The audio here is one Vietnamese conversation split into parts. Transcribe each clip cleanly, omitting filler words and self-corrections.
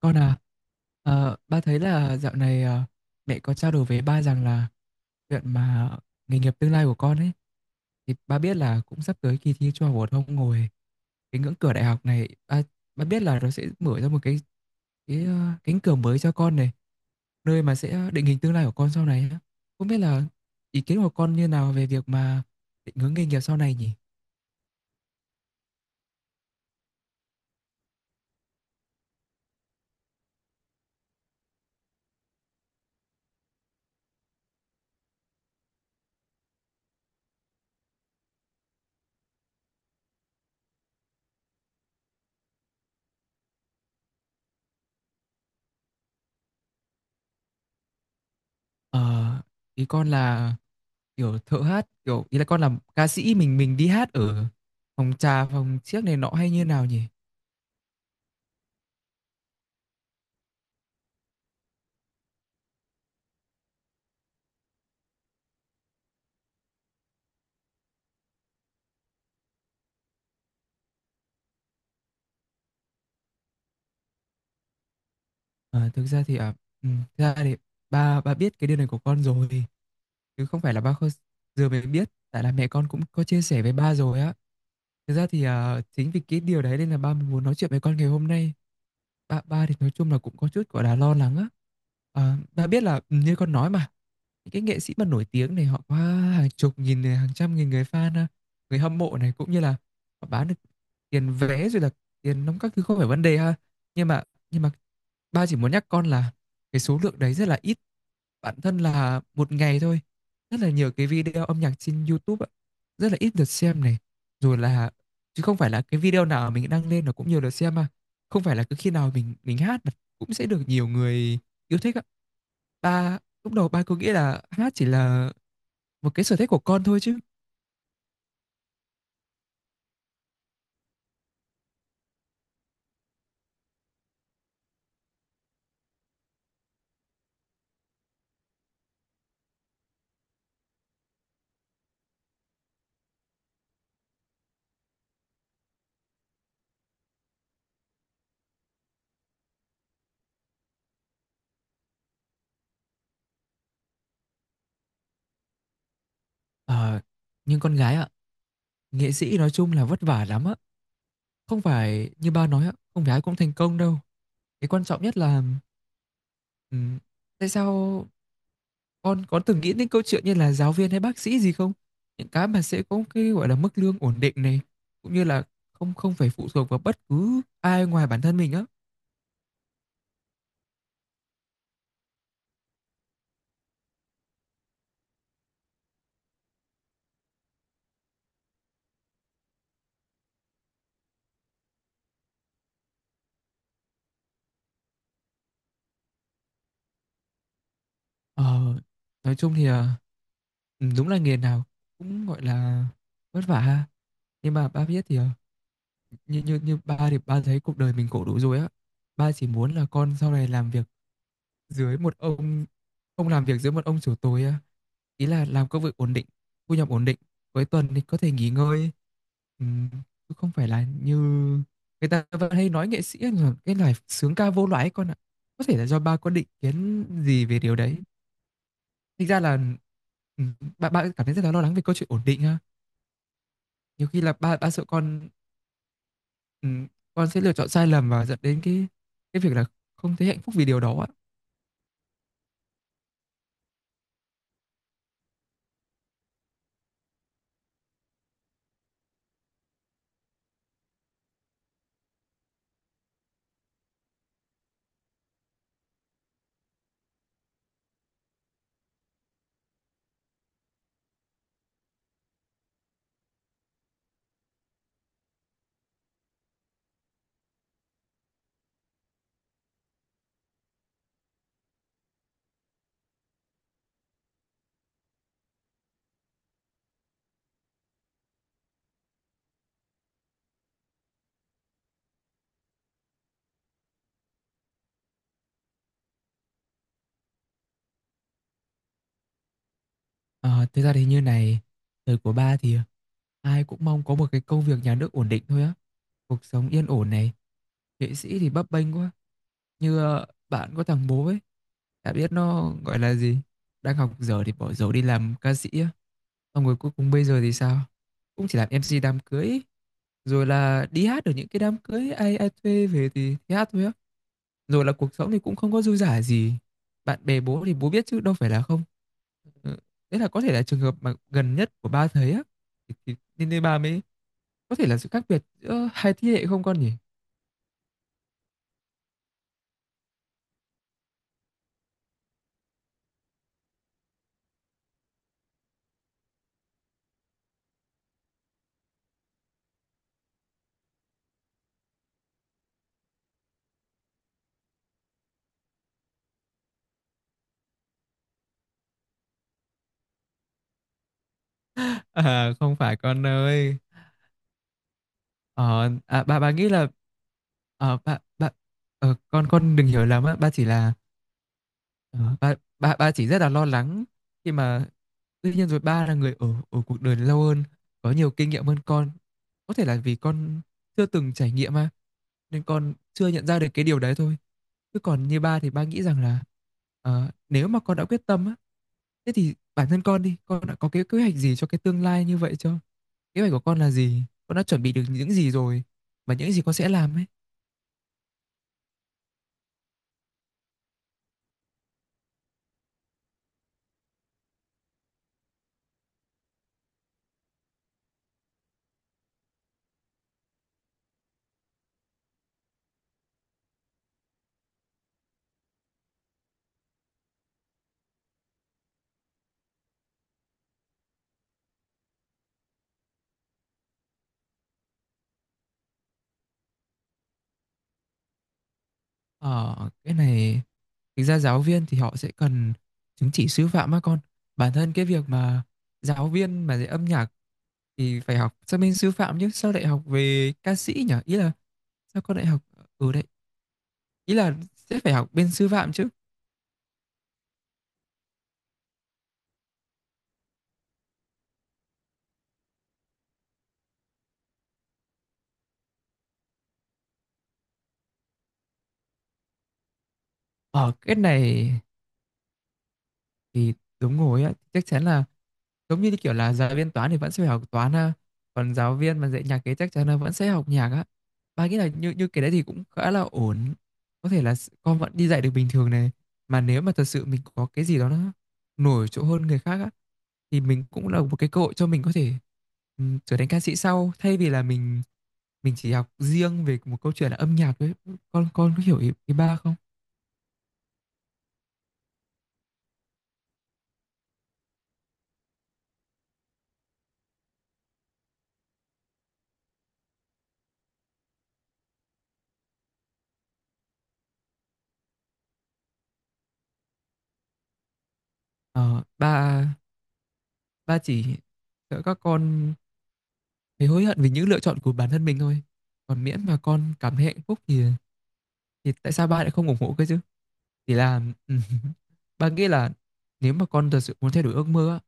Con à, ba thấy là dạo này mẹ có trao đổi với ba rằng là chuyện mà nghề nghiệp tương lai của con ấy thì ba biết là cũng sắp tới kỳ thi trung học phổ thông rồi. Cái ngưỡng cửa đại học này ba biết là nó sẽ mở ra một cái cánh cửa mới cho con này, nơi mà sẽ định hình tương lai của con sau này á. Không biết là ý kiến của con như nào về việc mà định hướng nghề nghiệp sau này nhỉ? Ờ, ý con là kiểu thợ hát, kiểu ý là con làm ca sĩ, mình đi hát ở phòng trà, phòng chiếc này nọ hay như nào nhỉ? Ờ, thực ra thì ừ, thực ra thì ba ba biết cái điều này của con rồi, chứ không phải là ba giờ mới biết, tại là mẹ con cũng có chia sẻ với ba rồi á. Thực ra thì à, chính vì cái điều đấy nên là ba mới muốn nói chuyện với con ngày hôm nay. Ba ba thì nói chung là cũng có chút gọi là lo lắng á. Ba biết là như con nói mà, những cái nghệ sĩ mà nổi tiếng này họ có hàng chục nghìn này, hàng trăm nghìn người fan à, người hâm mộ này, cũng như là họ bán được tiền vé, rồi là tiền nóng các thứ không phải vấn đề ha. Nhưng mà nhưng mà ba chỉ muốn nhắc con là cái số lượng đấy rất là ít. Bản thân là một ngày thôi rất là nhiều cái video âm nhạc trên YouTube ạ, rất là ít lượt xem này, rồi là chứ không phải là cái video nào mình đăng lên nó cũng nhiều lượt xem mà, không phải là cứ khi nào mình hát mà cũng sẽ được nhiều người yêu thích ạ. ba Lúc đầu ba cứ nghĩ là hát chỉ là một cái sở thích của con thôi chứ. Ờ, nhưng con gái ạ, nghệ sĩ nói chung là vất vả lắm ạ, không phải như ba nói ạ, không phải ai cũng thành công đâu. Cái quan trọng nhất là, ừm, tại sao con có từng nghĩ đến câu chuyện như là giáo viên hay bác sĩ gì không? Những cái mà sẽ có cái gọi là mức lương ổn định này, cũng như là không không phải phụ thuộc vào bất cứ ai ngoài bản thân mình á. Ờ, nói chung thì à, ừ, đúng là nghề nào cũng gọi là vất vả ha. Nhưng mà ba biết thì à, như như như ba thì ba thấy cuộc đời mình khổ đủ rồi á. Ba chỉ muốn là con sau này làm việc dưới một ông, làm việc dưới một ông chủ tối á, ý là làm công việc ổn định, thu nhập ổn định, cuối tuần thì có thể nghỉ ngơi, Ừm, chứ không phải là như người ta vẫn hay nói nghệ sĩ là cái loài sướng ca vô loại ấy con ạ. Có thể là do ba có định kiến gì về điều đấy, thực ra là ừm, ba ba cảm thấy rất là lo lắng về câu chuyện ổn định ha. Nhiều khi là ba ba sợ ừm, con sẽ lựa chọn sai lầm và dẫn đến cái việc là không thấy hạnh phúc vì điều đó ạ. Ờ, thực ra thì như này, thời của ba thì ờ, ai cũng mong có một cái công việc nhà nước ổn định thôi á, cuộc sống yên ổn này, nghệ sĩ thì bấp bênh quá, như ờ, bạn có thằng bố ấy, đã biết nó gọi là gì, đang học dở thì bỏ dở đi làm ca sĩ á, xong rồi cuối cùng bây giờ thì sao, cũng chỉ làm MC đám cưới, rồi là đi hát ở những cái đám cưới ai ai thuê về thì hát thôi á, rồi là cuộc sống thì cũng không có dư dả gì. Bạn bè bố thì bố biết chứ đâu phải là không. Ừ. Đấy là có thể là trường hợp mà gần nhất của ba thấy á. Thì, nên nên ba mới, có thể là sự khác biệt giữa hai thế hệ không con nhỉ? À không phải con ơi. Bà nghĩ là ờ, bà bà con đừng hiểu lầm á, ba chỉ là, ba chỉ rất là lo lắng khi mà, tuy nhiên rồi ba là người ở ở cuộc đời lâu hơn, có nhiều kinh nghiệm hơn con. Có thể là vì con chưa từng trải nghiệm mà nên con chưa nhận ra được cái điều đấy thôi. Chứ còn như ba thì ba nghĩ rằng là, nếu mà con đã quyết tâm á, thế thì bản thân con đi, con đã có cái kế hoạch gì cho cái tương lai như vậy chưa, kế hoạch của con là gì, con đã chuẩn bị được những gì rồi và những gì con sẽ làm ấy? Ờ, cái này thực ra giáo viên thì họ sẽ cần chứng chỉ sư phạm á con. Bản thân cái việc mà giáo viên mà dạy âm nhạc thì phải học sang bên sư phạm chứ sao lại học về ca sĩ nhỉ? Ý là sao con lại học ở đấy, ý là sẽ phải học bên sư phạm chứ. Ở cái này thì đúng rồi á, chắc chắn là giống như kiểu là giáo viên toán thì vẫn sẽ phải học toán ha. Còn giáo viên mà dạy nhạc kế chắc chắn là vẫn sẽ học nhạc á. Ba nghĩ là như như cái đấy thì cũng khá là ổn. Có thể là con vẫn đi dạy được bình thường này. Mà nếu mà thật sự mình có cái gì đó nó nổi trội hơn người khác á, thì mình cũng là một cái cơ hội cho mình có thể trở thành ca sĩ sau, thay vì là mình chỉ học riêng về một câu chuyện là âm nhạc đấy. Con có hiểu ý ba không? Ờ, ba ba chỉ sợ các con thấy hối hận vì những lựa chọn của bản thân mình thôi. Còn miễn mà con cảm thấy hạnh phúc thì tại sao ba lại không ủng hộ cơ chứ? Chỉ là ba nghĩ là, nếu mà con thật sự muốn thay đổi ước mơ á,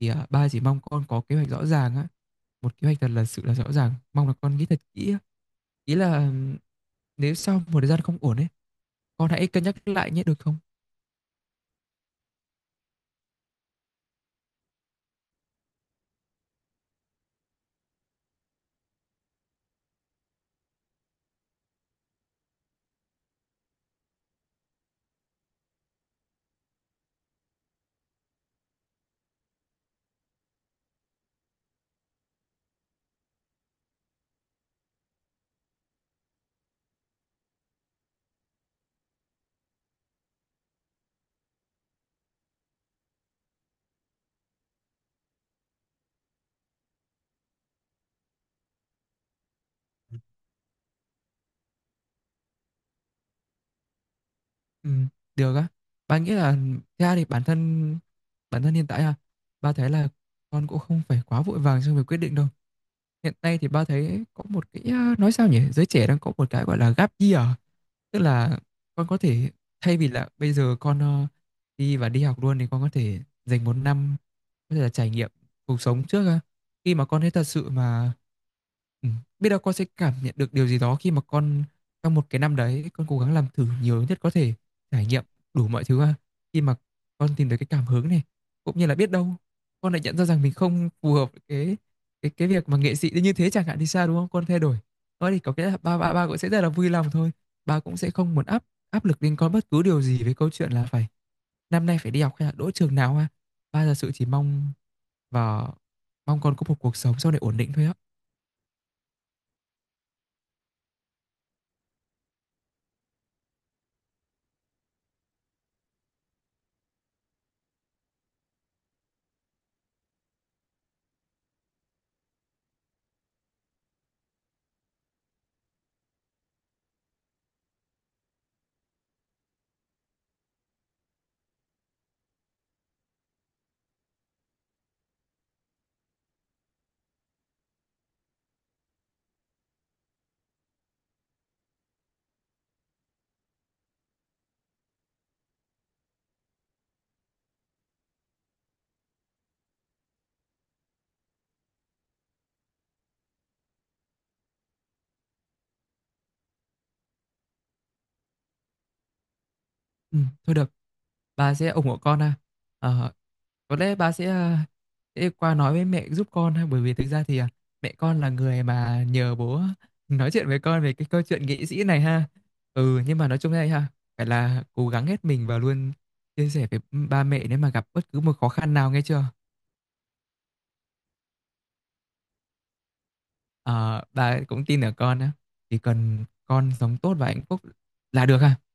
thì à, ba chỉ mong con có kế hoạch rõ ràng á, một kế hoạch thật là sự là rõ ràng, mong là con nghĩ thật kỹ á. Ý là ừ, nếu sau một thời gian không ổn ấy, con hãy cân nhắc lại nhé được không? Ừ, được á. Bạn nghĩ là thế ra thì bản thân hiện tại à, ba thấy là con cũng không phải quá vội vàng trong việc quyết định đâu. Hiện nay thì ba thấy có một cái à, nói sao nhỉ, giới trẻ đang có một cái gọi là gap year, tức là con có thể, thay vì là bây giờ con đi và đi học luôn thì con có thể dành một năm, có thể là trải nghiệm cuộc sống trước á. Khi mà con thấy thật sự mà ừ, biết đâu con sẽ cảm nhận được điều gì đó, khi mà con trong một cái năm đấy con cố gắng làm thử nhiều nhất có thể, trải nghiệm đủ mọi thứ ha. Khi mà con tìm được cái cảm hứng này, cũng như là biết đâu con lại nhận ra rằng mình không phù hợp với cái việc mà nghệ sĩ như thế chẳng hạn thì sao, đúng không con, thay đổi đó thì có cái ba ba ba cũng sẽ rất là vui lòng thôi. Ba cũng sẽ không muốn áp áp lực lên con bất cứ điều gì với câu chuyện là phải năm nay phải đi học hay là đỗ trường nào ha. Ba thật sự chỉ mong và mong con có một cuộc sống sau này ổn định thôi á. Thôi được, ba sẽ ủng hộ con ha. Ờ, có lẽ ba sẽ, sẽ qua nói với mẹ giúp con ha, bởi vì thực ra thì, à, mẹ con là người mà nhờ bố nói chuyện với con về cái câu chuyện nghệ sĩ này ha. Ừ, nhưng mà nói chung đây ha, phải là cố gắng hết mình và luôn chia sẻ với ba mẹ nếu mà gặp bất cứ một khó khăn nào, nghe chưa? Ờ, ba cũng tin ở con á, chỉ cần con sống tốt và hạnh phúc là được ha.